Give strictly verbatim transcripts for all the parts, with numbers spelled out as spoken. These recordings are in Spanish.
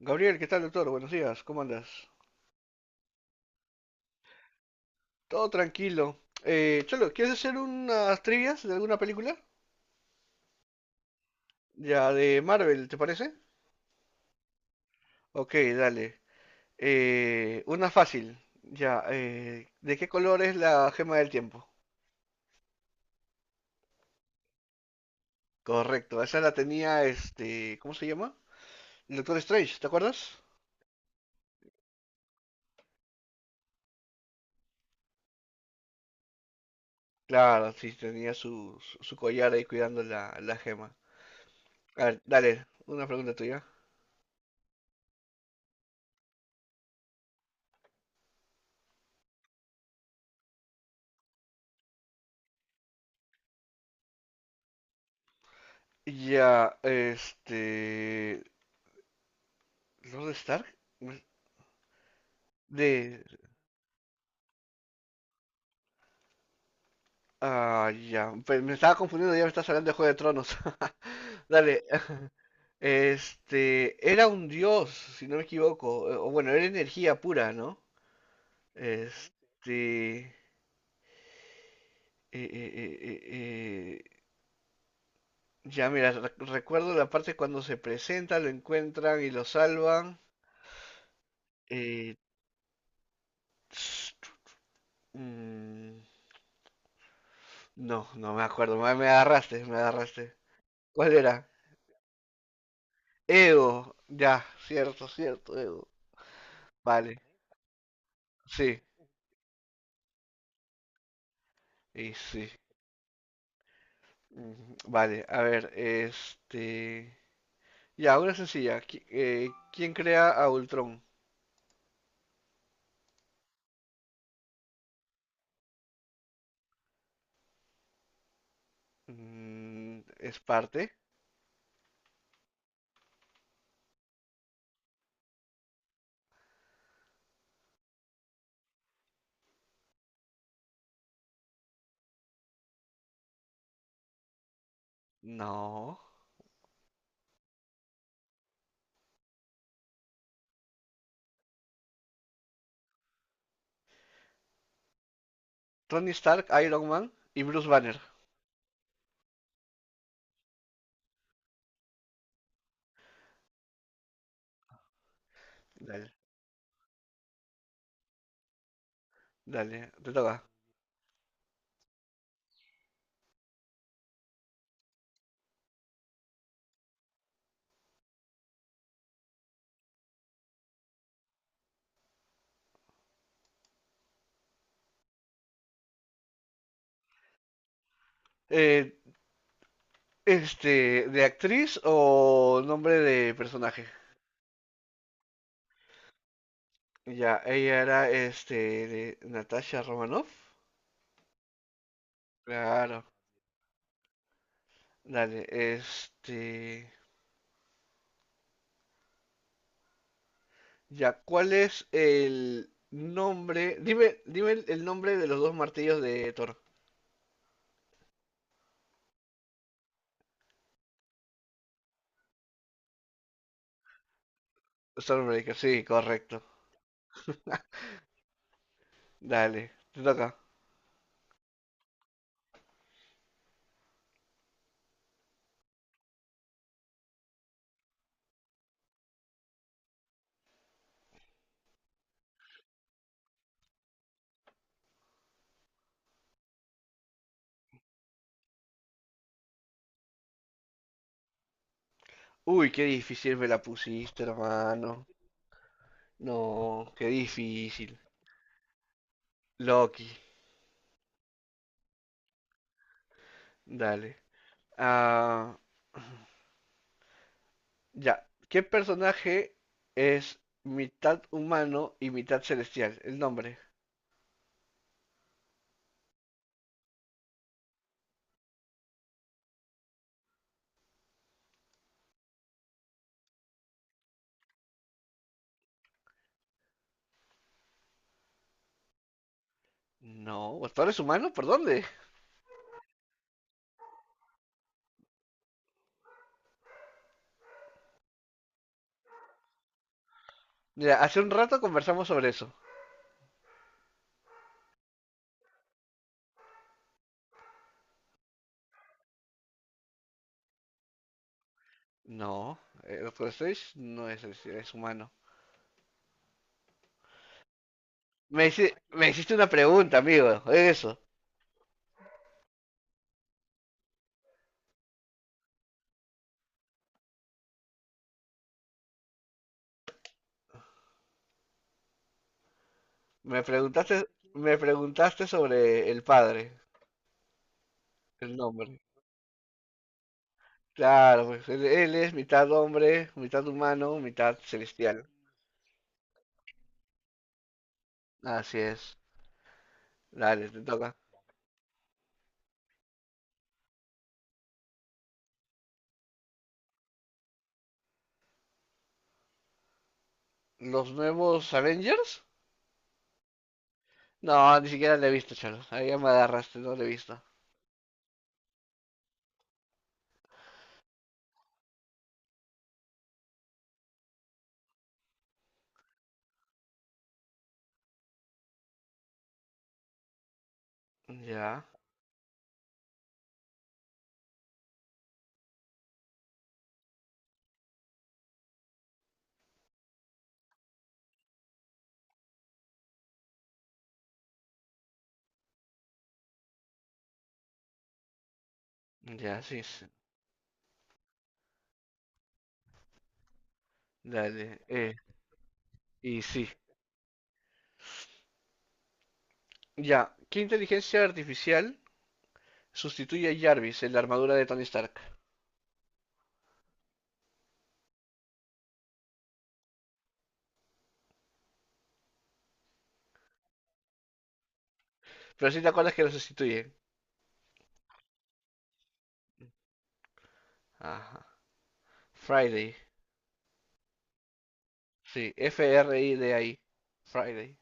Gabriel, ¿qué tal, doctor? Buenos días, ¿cómo andas? Todo tranquilo. Eh, Cholo, ¿quieres hacer unas trivias de alguna película? Ya, de Marvel, ¿te parece? Ok, dale. Eh, una fácil. Ya, eh, ¿de qué color es la gema del tiempo? Correcto, esa la tenía este, ¿cómo se llama? El Doctor Strange, ¿te acuerdas? Claro, sí, tenía su, su su collar ahí cuidando la, la gema. A ver, dale, una pregunta tuya. Ya, este. ¿Lord Stark? De. Ah, ya. Pe- Me estaba confundiendo, ya me estás hablando de Juego de Tronos. Dale. Este. Era un dios, si no me equivoco. eh, O bueno, era energía pura, ¿no? Este. eh, eh, eh, eh, eh, Ya, mira, re- recuerdo la parte cuando se presenta, lo encuentran y lo salvan. Eh, tss, mm, no, no me acuerdo. Me, me agarraste, me agarraste. ¿Cuál era? Ego. Ya, cierto, cierto, Ego. Vale. Sí, y sí. Mm, vale, a ver, este... Ya, una sencilla. qui- eh, ¿Quién crea a Ultron? Mm, ¿es parte? No. Tony Stark, Iron Man y Bruce Banner. Dale, dale, te toca. Eh, este, ¿de actriz o nombre de personaje? Ya, ella era, este, de Natasha Romanoff. Claro, dale, este... Ya, ¿cuál es el nombre? Dime, dime el el nombre de los dos martillos de Thor. Stormbreaker, sí, correcto. Dale, te toca. Uy, qué difícil me la pusiste, hermano. No, qué difícil. Loki, dale. Ah, ya. ¿Qué personaje es mitad humano y mitad celestial? El nombre. No, ¿Thor es humano? ¿Por dónde? Mira, hace un rato conversamos sobre eso. No, eh, Doctor Strange no es celestial, es humano. Me, hici- me hiciste una pregunta, amigo. Eso. Me preguntaste, me preguntaste sobre el padre, el nombre. Claro, pues él, él es mitad hombre, mitad humano, mitad celestial. Así es. Dale, te toca. ¿Los nuevos Avengers? No, ni siquiera le he visto, chalo. Ahí ya me agarraste, no le he visto. Ya, ya, sí, sí. Dale, eh, y sí. Ya, ¿qué inteligencia artificial sustituye a Jarvis en la armadura de Tony Stark? Pero si te acuerdas que lo sustituye. Ajá. Friday. Sí, F R I D A I. Friday.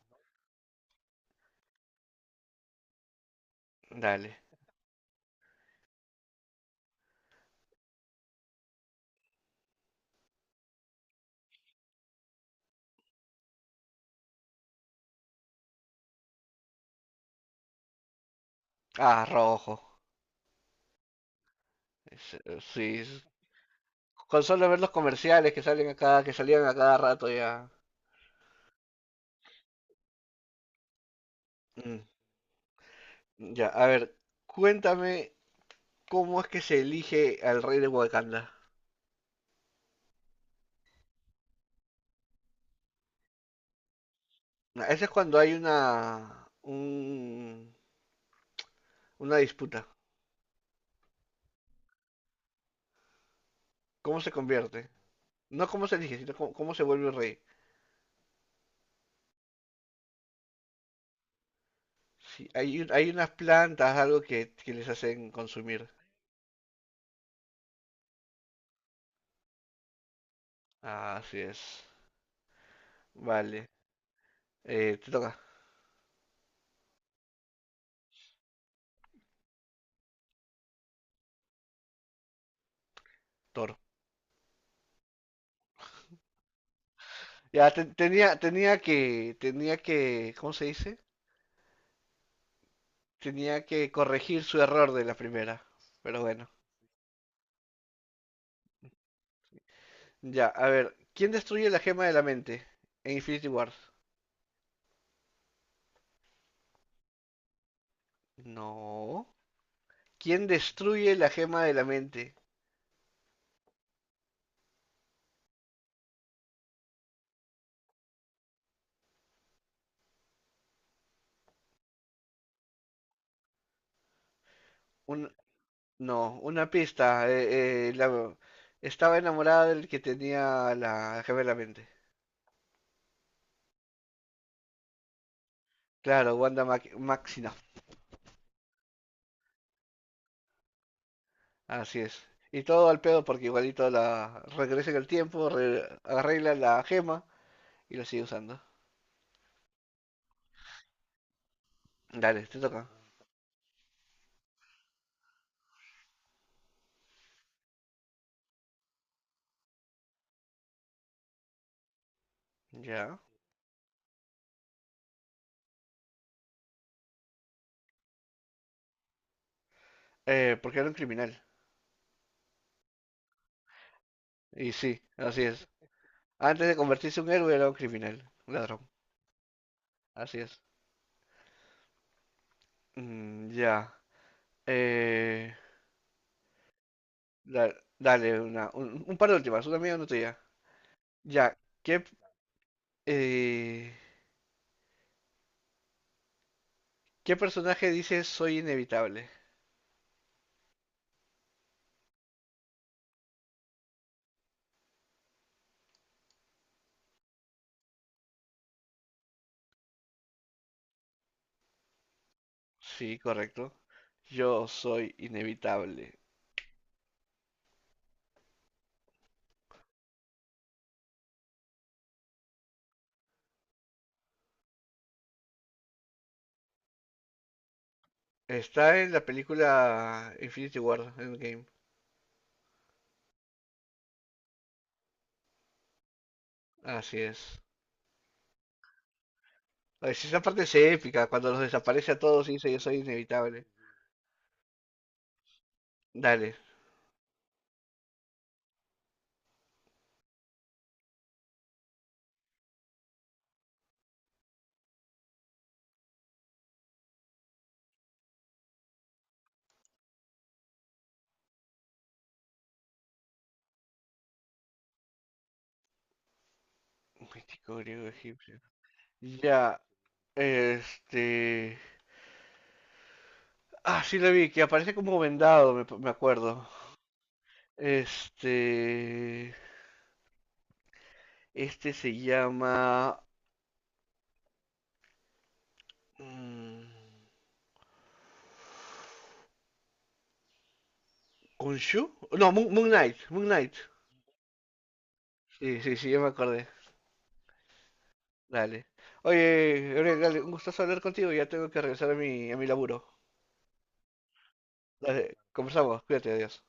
Dale. Ah, rojo. Es- eh, Sí, es- con solo ver los comerciales que salen a cada que salían a cada rato ya. Mm, ya, a ver, cuéntame cómo es que se elige al rey de Wakanda. Ah, ese es cuando hay una un- una disputa. ¿Cómo se convierte? No cómo se elige, sino cómo, cómo se vuelve rey. Sí, hay, un- hay unas plantas, algo que, que les hacen consumir. Ah, así es. Vale, eh, te toca, Toro. Ya te- tenía, tenía que, tenía que, ¿cómo se dice? Tenía que corregir su error de la primera. Pero bueno. Ya, a ver, ¿quién destruye la gema de la mente en Infinity Wars? No. ¿Quién destruye la gema de la mente? Un, no, una pista. eh, eh, la- estaba enamorada del que tenía la gema de la mente. Claro, Wanda Mac- Maximoff. Así es. Y todo al pedo porque igualito la regresa en el tiempo, re- arreglan la gema y la sigue usando. Dale, te toca. Ya. Eh, porque era un criminal. Y sí, así es. Antes de convertirse en un héroe era un criminal, un ladrón. Así es. Mm, ya. Eh, da- dale, una, un, un par de últimas, una mía y una tuya. Ya. ¿Qué, eh, ¿qué personaje dice soy inevitable? Sí, correcto. Yo soy inevitable. Está en la película Infinity War, Endgame. Así es. Ay, si esa parte es épica, cuando los desaparece a todos y dice yo soy inevitable. Dale. Mítico griego egipcio. Ya, este... Ah, sí lo vi, que aparece como vendado, me, me acuerdo. Este... Este se llama... mm, ¿Khonshu? No, Moon, Moon Knight, Moon Knight. Sí, sí, sí, yo me acordé. Dale. Oye, Gabriel, dale, un gustazo hablar contigo. Ya tengo que regresar a mi, a mi laburo. Dale, conversamos. Cuídate, adiós.